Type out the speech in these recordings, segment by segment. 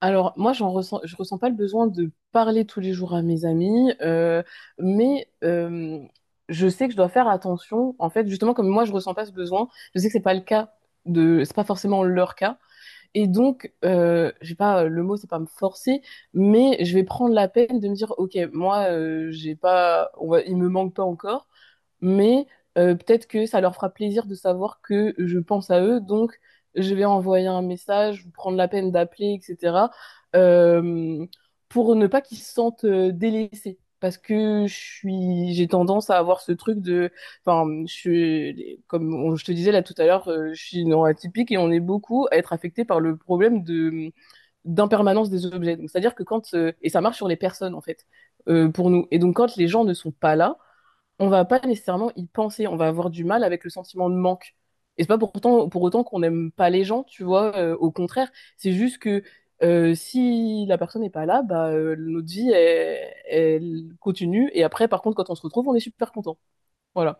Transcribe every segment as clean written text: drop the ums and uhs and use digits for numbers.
Alors, moi, je ressens pas le besoin de parler tous les jours à mes amis, mais je sais que je dois faire attention. En fait, justement, comme moi, je ressens pas ce besoin, je sais que c'est pas forcément leur cas. Et donc, j'ai pas le mot, c'est pas me forcer, mais je vais prendre la peine de me dire, ok, moi, j'ai pas, on va, il me manque pas encore, mais peut-être que ça leur fera plaisir de savoir que je pense à eux, donc je vais envoyer un message, prendre la peine d'appeler, etc., euh, pour ne pas qu'ils se sentent délaissés. Parce que j'ai tendance à avoir ce truc de, enfin, je suis, comme on- je te disais là tout à l'heure, je suis neuroatypique et on est beaucoup à être affecté par le problème de d'impermanence des objets. Donc, c'est-à-dire que quand, et ça marche sur les personnes en fait, pour nous. Et donc quand les gens ne sont pas là, on va pas nécessairement y penser, on va avoir du mal avec le sentiment de manque. Et c'est pas pour autant qu'on n'aime pas les gens, tu vois, au contraire, c'est juste que si la personne n'est pas là, bah, notre vie, elle, elle continue, et après, par contre, quand on se retrouve, on est super content. Voilà.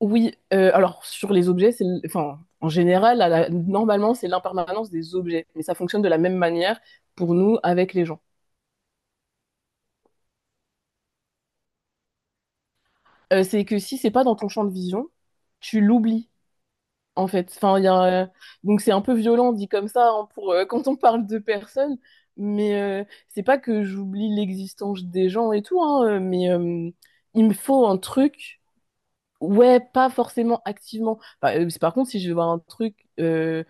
Oui, alors sur les objets, enfin, en général, normalement, c'est l'impermanence des objets, mais ça fonctionne de la même manière pour nous avec les gens. C'est que si c'est pas dans ton champ de vision, tu l'oublies en fait. Enfin, il y a, donc c'est un peu violent dit comme ça, hein, pour quand on parle de personnes, mais c'est pas que j'oublie l'existence des gens et tout, hein, mais il me faut un truc, ouais, pas forcément activement. Par contre, si je veux voir un truc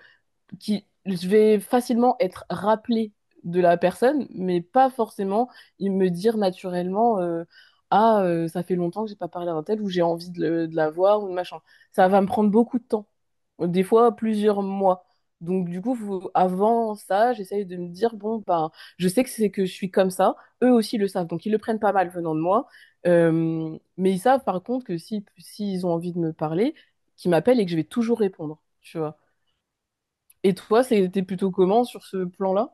qui, je vais facilement être rappelée de la personne, mais pas forcément il me dire naturellement, ah, ça fait longtemps que j'ai pas parlé d'un tel, ou j'ai envie de la voir, ou de machin. Ça va me prendre beaucoup de temps, des fois plusieurs mois. Donc, du coup, avant ça, j'essaye de me dire, bon, bah, je sais que c'est que je suis comme ça, eux aussi le savent, donc ils le prennent pas mal venant de moi. Mais ils savent par contre que si, s'ils ont envie de me parler, qu'ils m'appellent et que je vais toujours répondre, tu vois. Et toi, c'était plutôt comment sur ce plan-là?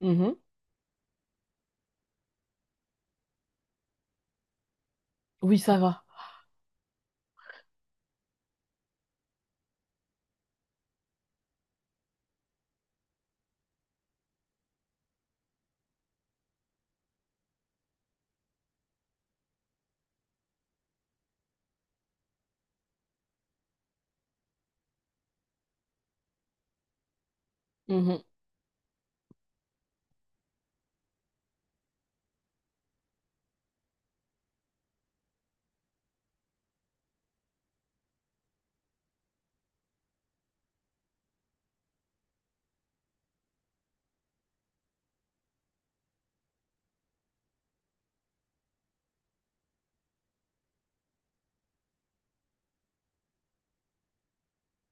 Mhm. Oui, ça va. Mhm.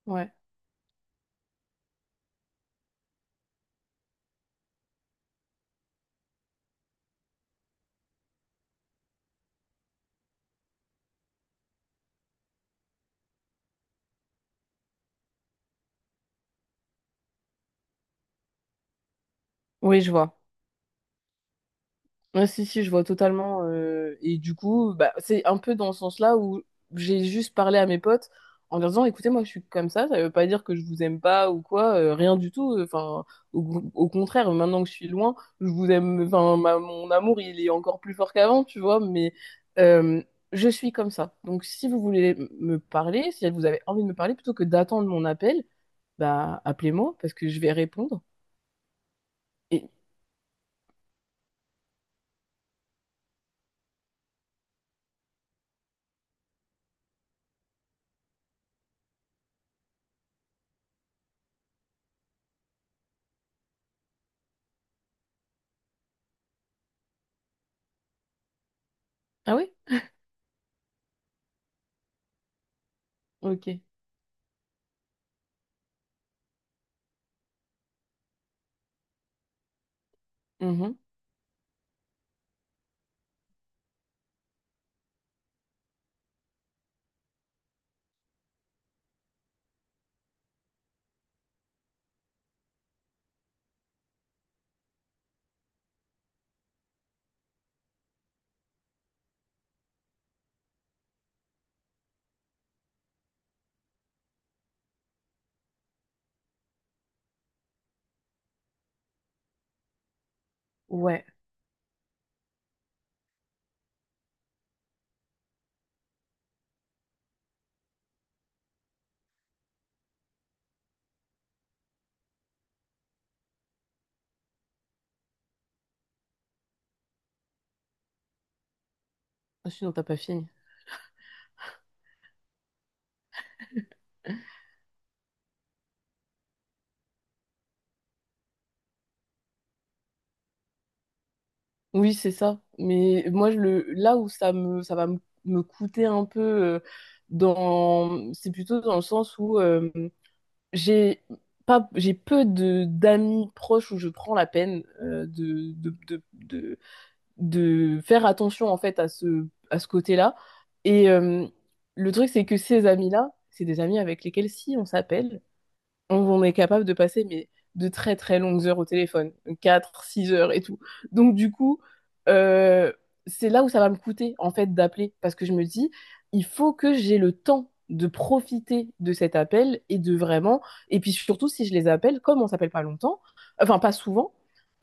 Ouais. Oui, je vois. Ouais, si, si, je vois totalement. Et du coup, bah, c'est un peu dans ce sens-là où j'ai juste parlé à mes potes en leur disant, écoutez, moi, je suis comme ça veut pas dire que je vous aime pas ou quoi, rien du tout. Enfin, au contraire, maintenant que je suis loin, je vous aime, enfin, mon amour, il est encore plus fort qu'avant, tu vois, mais euh, je suis comme ça. Donc, si vous voulez me parler, si vous avez envie de me parler, plutôt que d'attendre mon appel, bah, appelez-moi parce que je vais répondre. Et... Ah oui? Ok. Mhm. Ouais. Ah, sinon, t'as pas fini. Oui, c'est ça. Mais moi, là où ça va me coûter un peu, c'est plutôt dans le sens où j'ai pas, j'ai peu de d'amis proches où je prends la peine, de faire attention en fait à ce côté-là. Et le truc, c'est que ces amis-là, c'est des amis avec lesquels si on s'appelle, on est capable de passer, mais, de très très longues heures au téléphone, 4, 6 heures et tout. Donc du coup, euh, c'est là où ça va me coûter en fait d'appeler parce que je me dis, il faut que j'ai le temps de profiter de cet appel et de vraiment, et puis surtout si je les appelle, comme on s'appelle pas longtemps, enfin pas souvent,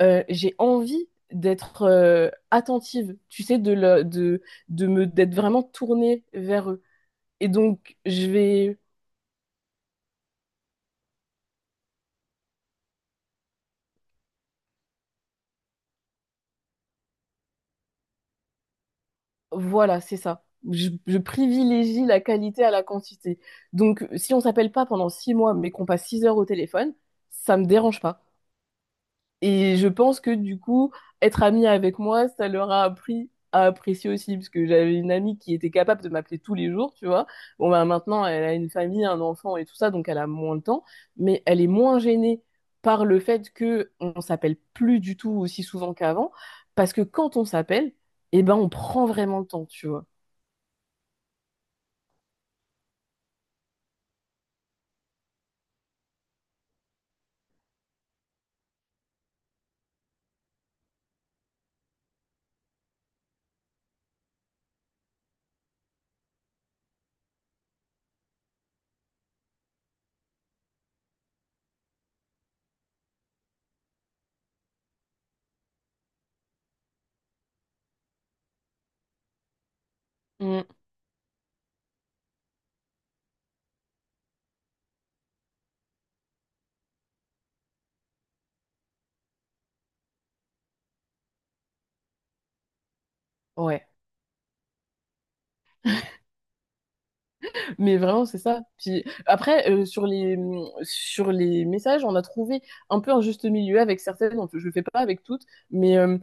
j'ai envie d'être attentive, tu sais, de, le- de me, d'être vraiment tournée vers eux. Et donc, je vais. Voilà, c'est ça. Je privilégie la qualité à la quantité. Donc, si on s'appelle pas pendant 6 mois, mais qu'on passe 6 heures au téléphone, ça me dérange pas. Et je pense que, du coup, être ami avec moi, ça leur a appris à apprécier aussi, parce que j'avais une amie qui était capable de m'appeler tous les jours, tu vois. Bon, bah, maintenant, elle a une famille, un enfant et tout ça, donc elle a moins de temps, mais elle est moins gênée par le fait que on s'appelle plus du tout aussi souvent qu'avant, parce que quand on s'appelle, eh ben, on prend vraiment le temps, tu vois. Mm. Ouais, mais vraiment c'est ça. Puis après, sur les sur les messages, on a trouvé un peu un juste milieu avec certaines. Je le fais pas avec toutes, mais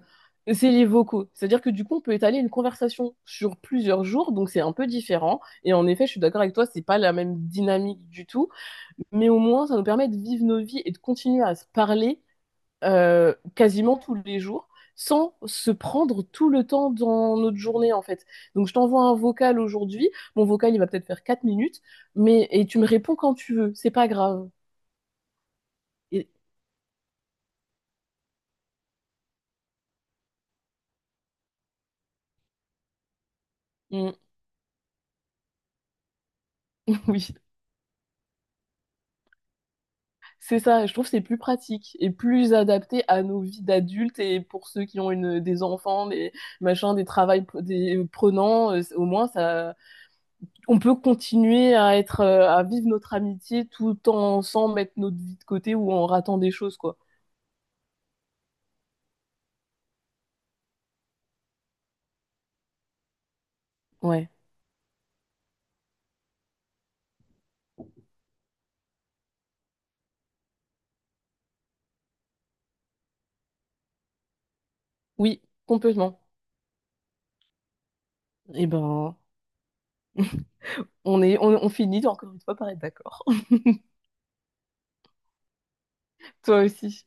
c'est les vocaux. C'est-à-dire que, du coup, on peut étaler une conversation sur plusieurs jours, donc c'est un peu différent. Et en effet, je suis d'accord avec toi, c'est pas la même dynamique du tout. Mais au moins, ça nous permet de vivre nos vies et de continuer à se parler quasiment tous les jours sans se prendre tout le temps dans notre journée en fait. Donc je t'envoie un vocal aujourd'hui, mon vocal il va peut-être faire 4 minutes, mais et tu me réponds quand tu veux, c'est pas grave. Et, Mm, oui, c'est ça, je trouve que c'est plus pratique et plus adapté à nos vies d'adultes, et pour ceux qui ont des enfants, des machins, des prenants, au moins ça on peut continuer à vivre notre amitié tout en sans mettre notre vie de côté ou en ratant des choses, quoi. Ouais. Oui, complètement. Eh ben, on finit encore une fois par être d'accord. Toi aussi.